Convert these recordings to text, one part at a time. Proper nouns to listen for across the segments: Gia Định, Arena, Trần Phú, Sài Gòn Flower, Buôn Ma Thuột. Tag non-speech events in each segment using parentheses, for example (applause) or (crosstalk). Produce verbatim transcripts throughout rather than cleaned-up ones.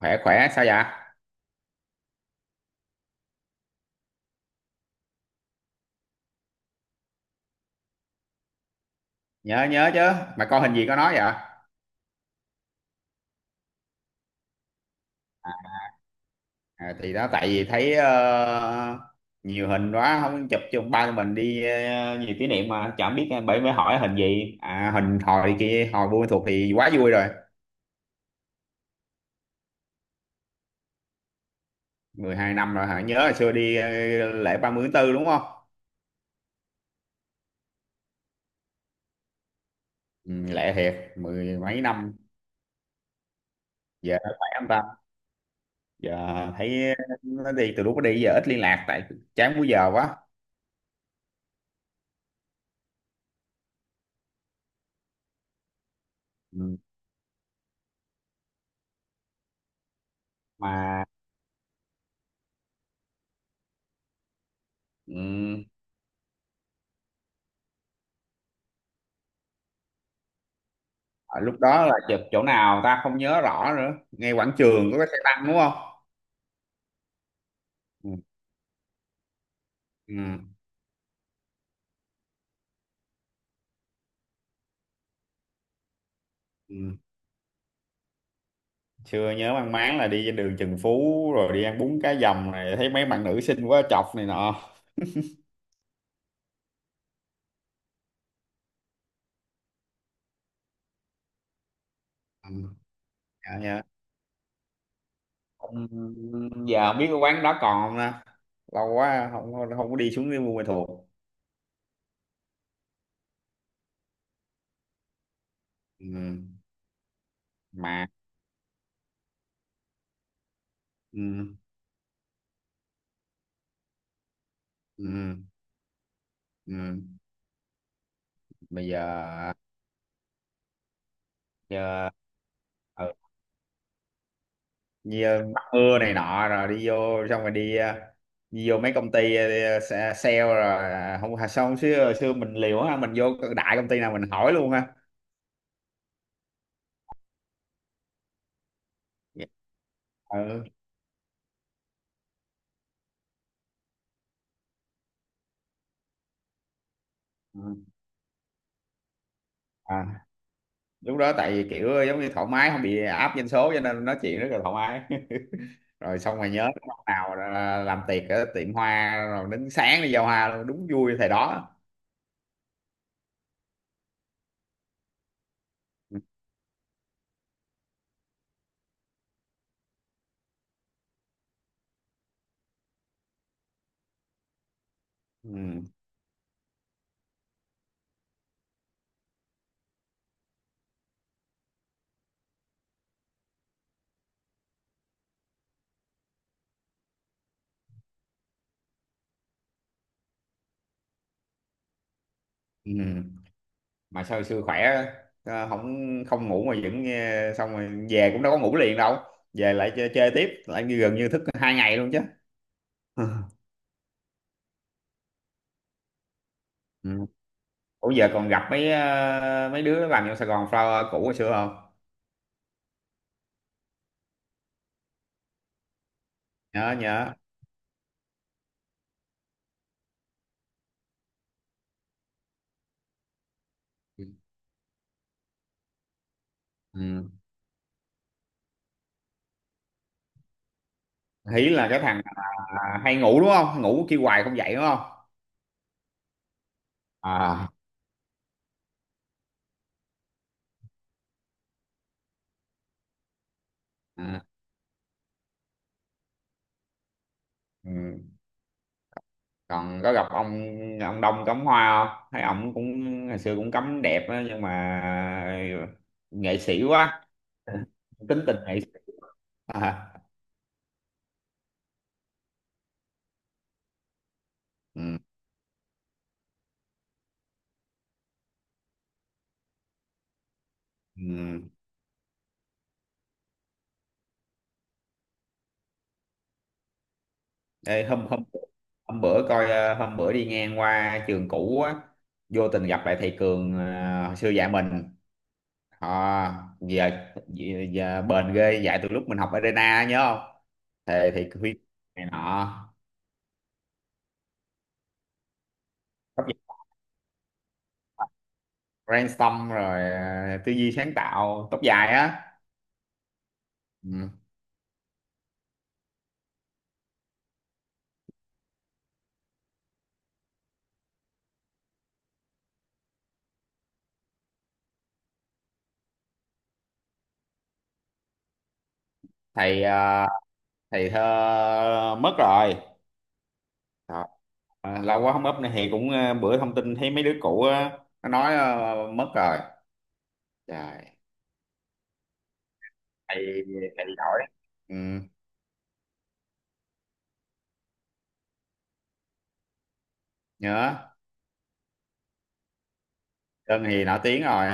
Khỏe khỏe, sao vậy? Nhớ, nhớ chứ. Mà coi hình gì có nói vậy? À, thì đó tại vì thấy ờ, nhiều hình quá không chụp chung ba tụi mình đi, ờ, nhiều kỷ niệm mà chẳng biết, ờ, bởi mới hỏi hình gì. À, hình hồi kia hồi Buôn Ma Thuột thì quá vui rồi. Mười hai năm rồi hả? Nhớ hồi xưa đi, ờ, lễ ba mươi tháng tư đúng không? Ừ, lễ thiệt mười mấy năm. Giờ nó khỏe không ta? Giờ thấy, ờ, nó đi từ lúc nó đi giờ ít liên lạc, tại chán múi giờ quá. Ừ. Mà. Ừ. À, lúc đó là chụp chỗ nào ta, không nhớ rõ nữa. Ngay quảng trường có cái xe tăng đúng không? Ừ. Ừ. Ừ. Chưa, nhớ mang máng là đi trên đường Trần Phú rồi đi ăn bún cá dầm này, thấy mấy bạn nữ xinh quá chọc này nọ. Ừ. Dạ, dạ. Không- Giờ không biết cái quán đó còn không nè. Lâu quá không, không, không có đi xuống cái Buôn Ma Thuột. Ừ. Mà. Ừ. Ừ. Ừ. Bây giờ. Giờ. Ừ. Đi, ờ, bắt mưa này nọ, rồi đi vô xong rồi đi, ờ, đi vô mấy công ty, ờ, xe- sale rồi à, không à, xong xưa xưa mình liều ha, mình vô đại công ty nào mình hỏi luôn ha. Dạ. Ừ. Ừ. À, lúc đó tại vì kiểu giống như thoải mái, không bị áp doanh số cho nên nói chuyện rất là thoải mái. (laughs) Rồi xong rồi, nhớ lúc nào là làm tiệc ở tiệm hoa rồi đến sáng đi giao hoa luôn, đúng vui thầy đó. Ừ. Ừ. Ừ. Mà sao hồi xưa khỏe, ờ, không, không ngủ mà vẫn nghe, xong rồi về cũng đâu có ngủ liền đâu, về lại chơi, chơi tiếp lại, như gần như thức hai ngày luôn chứ. (laughs) Ừ. Ủa giờ còn gặp mấy ờ, mấy đứa làm trong Sài Gòn Flower cũ hồi xưa không? Nhớ, nhớ. Ừ. Hí là cái thằng à, hay ngủ đúng không? Ngủ kêu hoài không dậy đúng không? À. Ừ. Ừ. Còn có gặp ông ông Đông cắm hoa không? Thấy ông cũng hồi xưa cũng cắm đẹp á nhưng mà nghệ sĩ quá. (laughs) Tính tình nghệ sĩ. À. Ừ, ừ. Ê, hôm hôm hôm bữa coi, ờ, hôm bữa đi ngang qua trường cũ á, vô tình gặp lại thầy Cường, ờ, hồi xưa dạy mình. Họ, giờ, giờ, giờ bền ghê, dạy từ lúc mình học Arena á, nhớ không? Thầy thầy Huy này nọ, tóc dài. Brainstorm rồi, ờ, tư duy sáng tạo, tóc dài á. Ừ. Thầy ờ, thầy thơ mất rồi. Ờ, lâu quá không up này thì cũng, ờ, bữa thông tin thấy mấy đứa cũ á nó nói ờ, mất rồi. Trời, thầy thầy giỏi. Ừ. Nhớ. Sơn thì nổi tiếng rồi.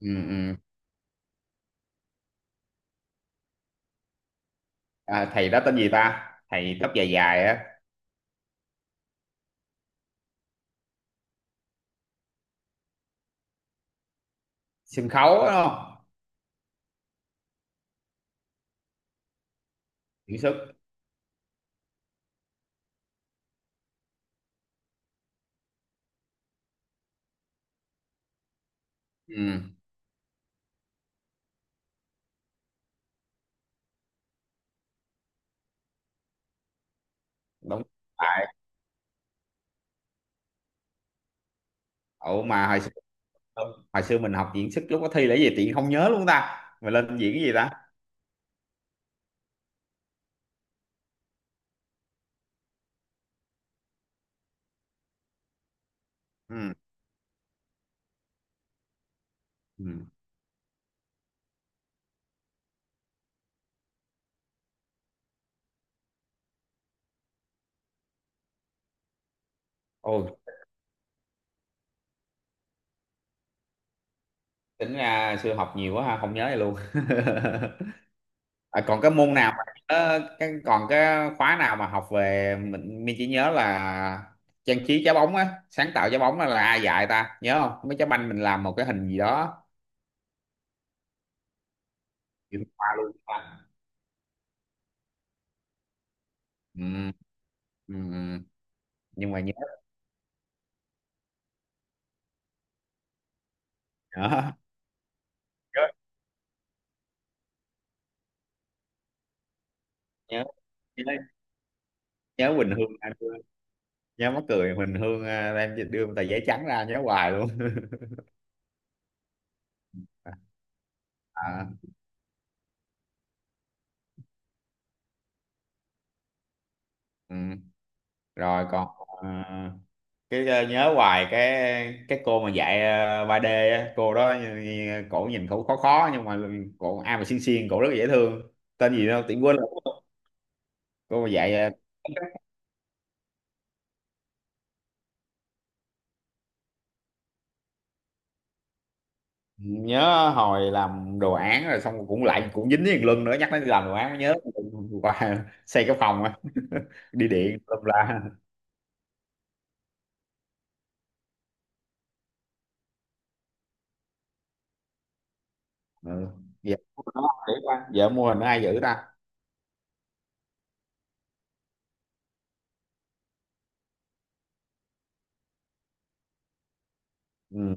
Ừ, ừ. À, thầy đó tên gì ta, thầy tóc dài dài á, sân khấu á, đúng không? Diễn xuất. Ừ, đúng. Tại ủa mà hồi xưa hồi xưa mình học diễn xuất lúc có thi là cái gì tiện không nhớ luôn ta, mà lên diễn cái gì ta? Ừ, ừ. Ôi tính ra xưa học nhiều quá ha, không nhớ gì luôn. (laughs) À, còn cái môn nào mà, ờ, cái, còn cái khóa nào mà học về mình mình chỉ nhớ là trang trí trái bóng á, sáng tạo trái bóng á là ai dạy ta, nhớ không? Mấy trái banh mình làm một cái hình gì đó chuyển qua luôn ta. Ừ, ừ, ừ. Nhưng mà nhớ nhớ nhớ nhớ, nhớ, Quỳnh Hương anh, nhớ mắc cười Quỳnh Hương ờ, em đưa tờ giấy trắng ra, nhớ hoài luôn. (laughs) À, ừ. Rồi còn, ờ, cái ờ, nhớ hoài cái cái cô mà dạy ờ, ba đê á, cô đó như- như- cổ nhìn cổ khó khó nhưng mà cổ ai mà xinh xinh, cổ rất là dễ thương, tên gì đâu tiện quên rồi. Cô mà dạy, ờ, nhớ hồi làm đồ án rồi xong cũng lại cũng dính với thằng Luân nữa, nhắc đến làm đồ án nhớ. Qua (laughs) xây cái phòng á (laughs) đi điện lâm la. Ừ. Dạ, nó để qua. Vợ mua hình ai giữ ta? Ừ.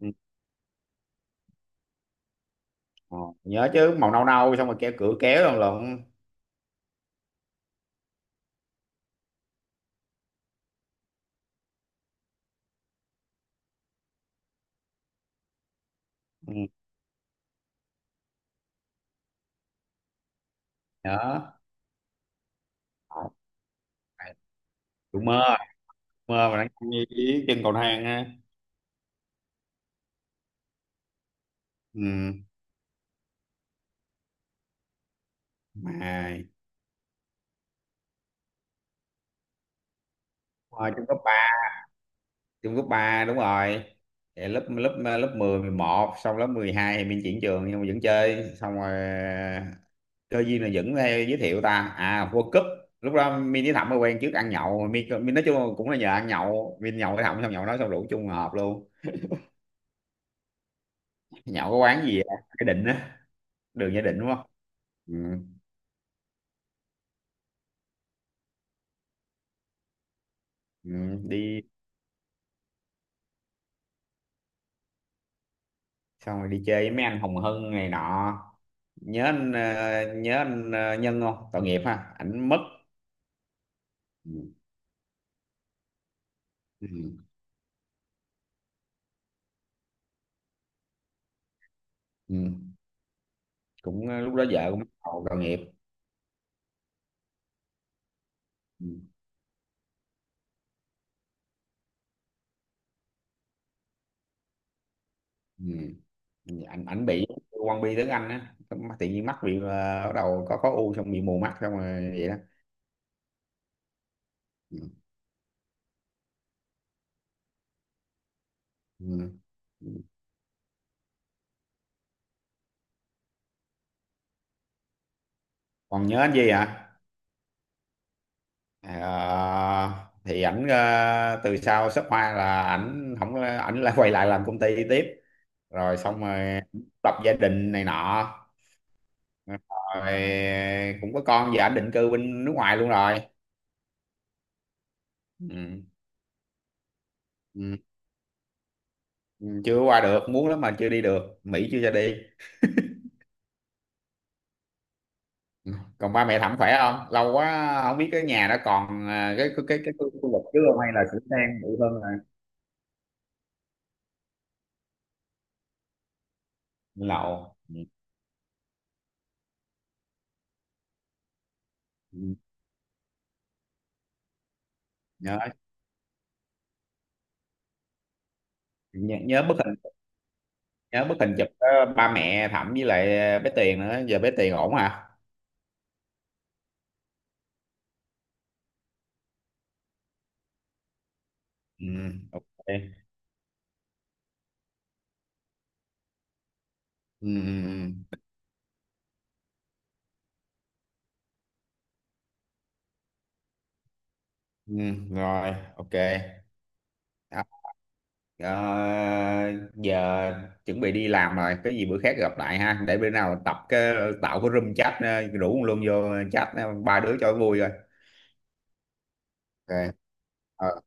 Ừ. Ờ, nhớ chứ, màu nâu nâu xong rồi keo cửa kéo lần lần. Ừ. Nhớ. Ờ, cũng mơ, mơ mà đang như ý trên cầu thang á. Ừ. Mà. Ờ, trong cấp ba, trong cấp ba đúng rồi. Thì lớp lớp lớp mười, mười một, xong lớp mười hai thì mình chuyển trường nhưng mà vẫn chơi. Xong rồi, cơ duyên là vẫn hay giới thiệu ta. À, World Cup lúc đó mình với Thẩm mới quen, trước ăn nhậu, mình, mình nói chung là cũng là nhờ ăn nhậu, mình nhậu với Thẩm xong nhậu nói xong rủ chung hợp luôn. Nhậu có quán gì vậy? Cái định á, đường Gia Định đúng không? Ừ, ừ, đi xong rồi đi chơi với mấy anh Hồng Hân này nọ. Nhớ anh ờ, nhớ anh, ờ, Nhân không? Tội nghiệp ha, ảnh mất. Ừ. Ừ. Ừ. Cũng, ờ, lúc đó vợ cũng bắt đầu tội nghiệp. Ừ. Ừ. Ừ. ảnh ảnh bị quan bi tiếng Anh á. Mà tự nhiên mắt bị, ờ, bắt đầu có có u, xong bị mù mắt xong rồi vậy đó. Ừ. Ừ. Còn nhớ anh gì hả? Ờ, thì ảnh, ờ, từ sau shop hoa là ảnh không có- ảnh lại quay lại làm công ty tiếp, rồi xong rồi lập gia đình này nọ, rồi cũng có con, giờ anh định cư bên nước ngoài luôn rồi. Ừ. Ừ. Ừ, chưa qua được, muốn lắm mà chưa đi được, Mỹ chưa cho đi. Ừ. Còn ba mẹ thẩm khỏe không, lâu quá không biết cái nhà đó còn à, cái cái cái cái khu khu vực trước không, hay là sửa sang bự hơn rồi? Lậu. Ừ. Ừ. nhớ nhớ nhớ bức hình nhớ bức hình chụp đó, ba mẹ thẩm với lại bé Tiền nữa. Giờ bé Tiền ổn hả? Ừ. OK. Ừ. Ừ, ừ. Ừ, rồi OK. Ờ, giờ chuẩn bị đi làm rồi, cái gì bữa khác gặp lại ha. Để bữa nào tập cái, tạo cái room chat, ờ, rủ luôn vô chat, ờ, ba đứa cho vui rồi. OK. Ờ,